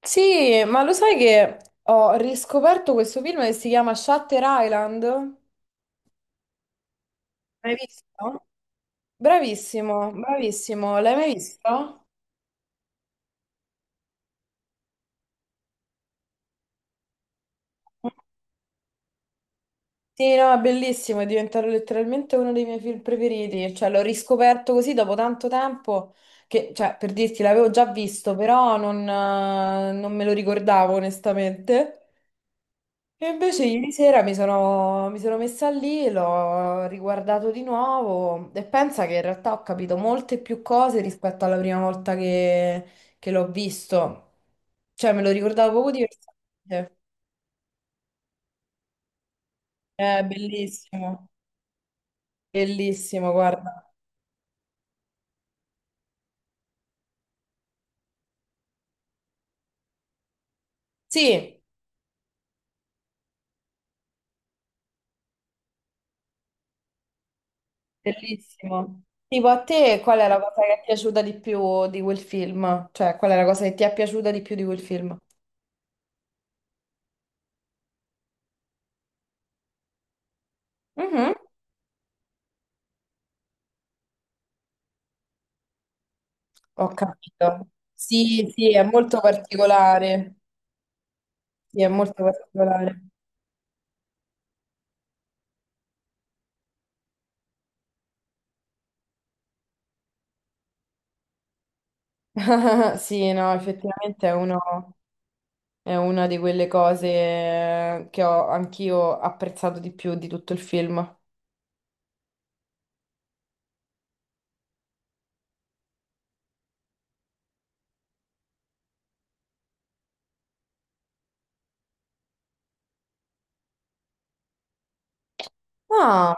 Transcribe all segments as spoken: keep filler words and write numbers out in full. Sì, ma lo sai che ho riscoperto questo film che si chiama Shutter Island? L'hai visto? Bravissimo, bravissimo. L'hai mai visto? Sì, no, è bellissimo, è diventato letteralmente uno dei miei film preferiti. Cioè, l'ho riscoperto così dopo tanto tempo che, cioè, per dirti, l'avevo già visto, però non, eh, non me lo ricordavo onestamente. E invece ieri sera mi sono, mi sono messa lì, l'ho riguardato di nuovo e pensa che in realtà ho capito molte più cose rispetto alla prima volta che, che l'ho visto. Cioè, me lo ricordavo poco diversamente. È bellissimo, bellissimo, guarda. Sì, bellissimo. Tipo a te, qual è la cosa che ti è piaciuta di più di quel film? Cioè, qual è la cosa che ti è piaciuta di più di quel film? Mhm. Ho capito. Sì, sì, è molto particolare. Sì, è molto particolare. Sì, no, effettivamente è uno- è una di quelle cose eh, che ho anch'io apprezzato di più di tutto il film. Ah,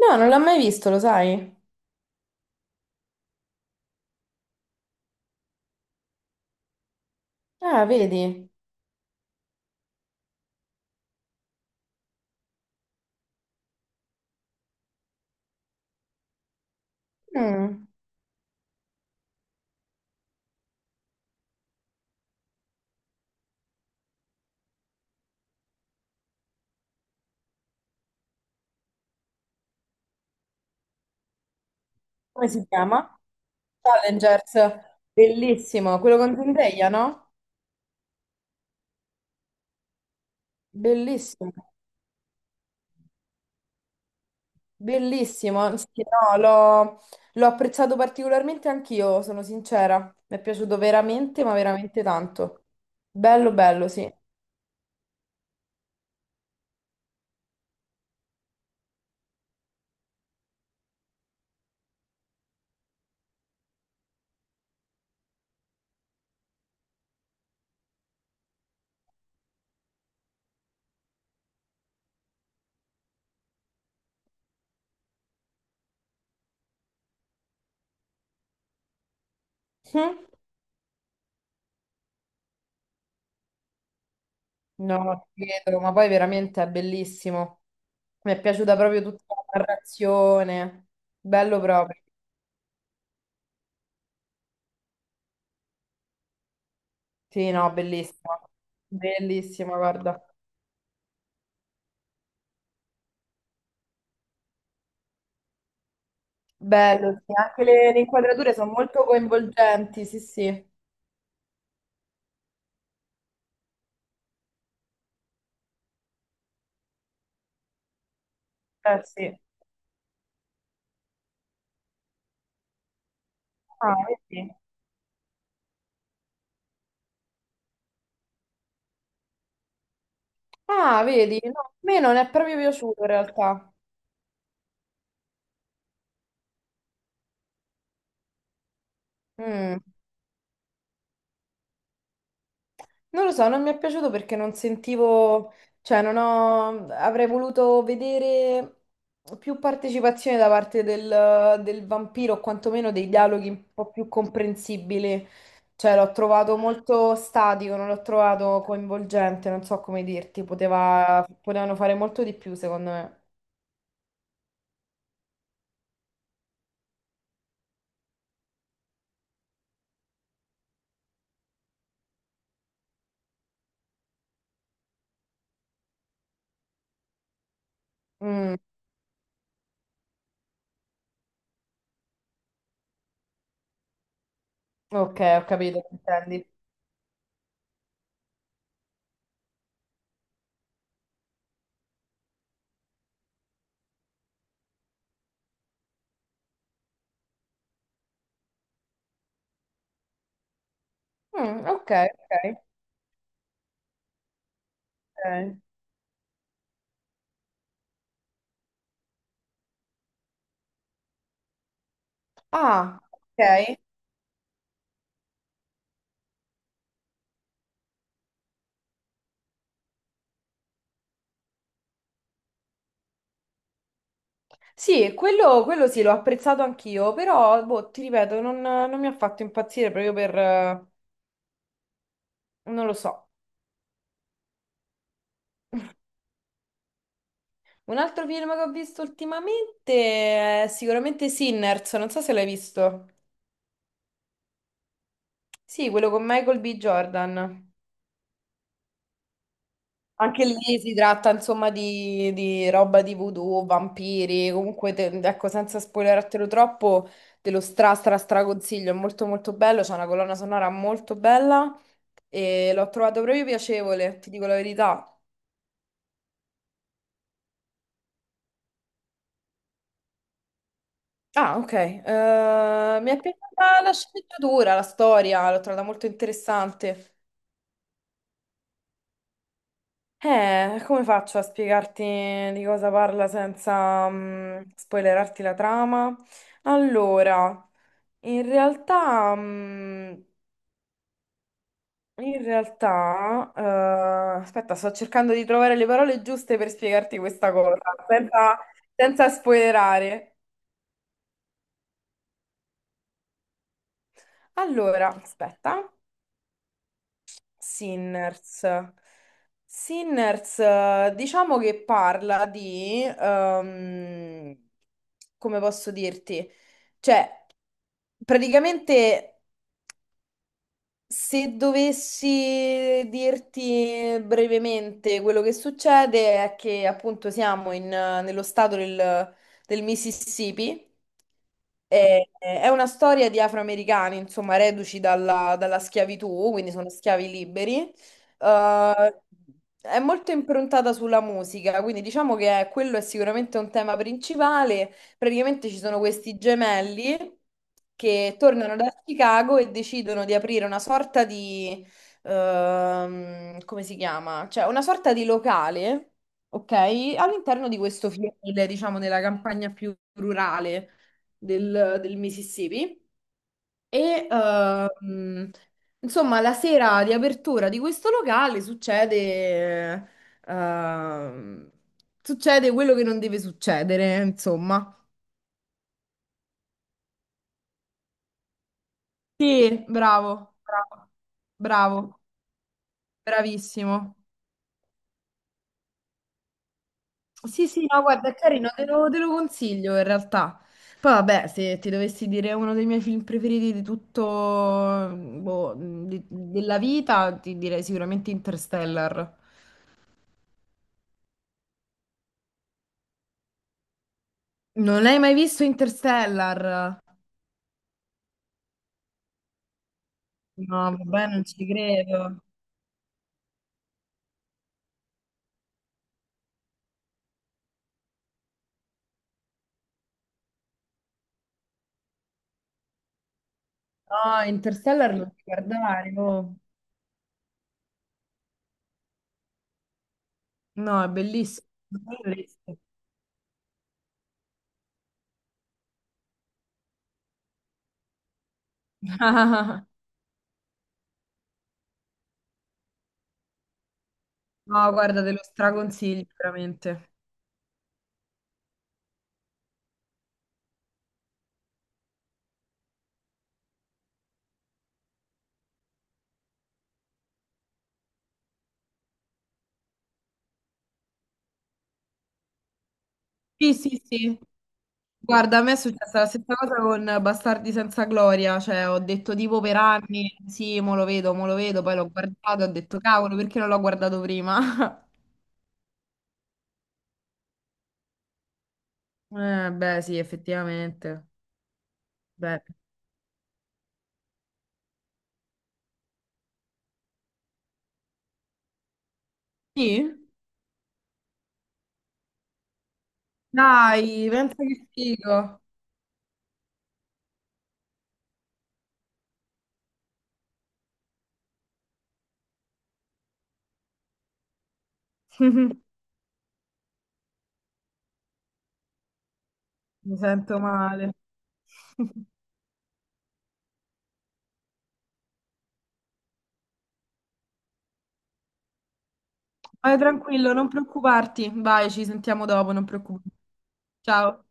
no, non l'ho mai visto, lo sai? Ah, vedi. Mm. Come si chiama? Challengers. Bellissimo, quello con Zendaya, no? Bellissimo, bellissimo. Sì, no, l'ho l'ho apprezzato particolarmente anch'io, sono sincera. Mi è piaciuto veramente, ma veramente tanto. Bello, bello, sì. Mm? No, ti credo, ma poi veramente è bellissimo. Mi è piaciuta proprio tutta la narrazione. Bello proprio. Sì, no, bellissimo. Bellissimo, guarda. Bello, sì. Anche le, le inquadrature sono molto coinvolgenti, sì, sì. Eh, sì. Ah, vedi? Ah, vedi? No, a me non è proprio piaciuto in realtà. Mm. Non lo so, non mi è piaciuto perché non sentivo, cioè non ho, avrei voluto vedere più partecipazione da parte del, del vampiro, o quantomeno dei dialoghi un po' più comprensibili. Cioè l'ho trovato molto statico, non l'ho trovato coinvolgente, non so come dirti, poteva- potevano fare molto di più secondo me. Mm, ok, ho capito che intendi. Mm, ok, ok. Ok. Ah, ok. Sì, quello, quello sì, l'ho apprezzato anch'io, però boh, ti ripeto, non, non mi ha fatto impazzire proprio per... eh, non lo so. Un altro film che ho visto ultimamente è sicuramente Sinners, non so se l'hai visto. Sì, quello con Michael B. Jordan. Anche lì si tratta insomma di, di roba di voodoo, vampiri, comunque te- ecco senza spoilerartelo troppo, te lo stra stra stra consiglio, è molto molto bello, c'è una colonna sonora molto bella e l'ho trovato proprio piacevole, ti dico la verità. Ah, ok. Eh, mi è piaciuta la sceneggiatura, la storia, l'ho trovata molto interessante. Eh, come faccio a spiegarti di cosa parla senza mm, spoilerarti la trama? Allora. In realtà, mm, in realtà, eh, aspetta, sto cercando di trovare le parole giuste per spiegarti questa cosa, senza, senza spoilerare. Allora, aspetta, Sinners. Sinners, eh, diciamo che parla di, ehm, come posso dirti? Cioè, praticamente se dovessi dirti brevemente quello che succede è che appunto siamo in, nello stato del, del Mississippi. È, è una storia di afroamericani, insomma, reduci dalla, dalla schiavitù, quindi sono schiavi liberi. Eh, è molto improntata sulla musica, quindi diciamo che quello è sicuramente un tema principale. Praticamente ci sono questi gemelli che tornano da Chicago e decidono di aprire una sorta di, ehm, come si chiama? Cioè una sorta di locale, ok? All'interno di questo fiele, diciamo, della campagna più rurale del, del Mississippi. E ehm, insomma, la sera di apertura di questo locale succede, ehm, succede quello che non deve succedere, insomma. Sì, bravo, bravo, bravo, bravissimo. Sì, sì, no, guarda, è carino, te lo, te lo consiglio in realtà. Poi vabbè, se ti dovessi dire uno dei miei film preferiti di tutto, boh, di- della vita, ti direi sicuramente Interstellar. Non l'hai mai visto Interstellar? No, vabbè, non ci credo. No, Interstellar lo devi guardare, oh. No, è bellissimo. Non dovresti. No, guarda, te lo straconsiglio veramente. Sì, sì, sì. Guarda, a me è successa la stessa cosa con Bastardi senza gloria, cioè ho detto tipo per anni, sì, mo lo vedo, mo lo vedo, poi l'ho guardato, ho detto cavolo, perché non l'ho guardato prima? Eh, beh, sì, effettivamente. Beh. Sì? Dai, pensa che figo. Mi sento male. Vai tranquillo, non preoccuparti. Vai, ci sentiamo dopo, non preoccuparti. Ciao.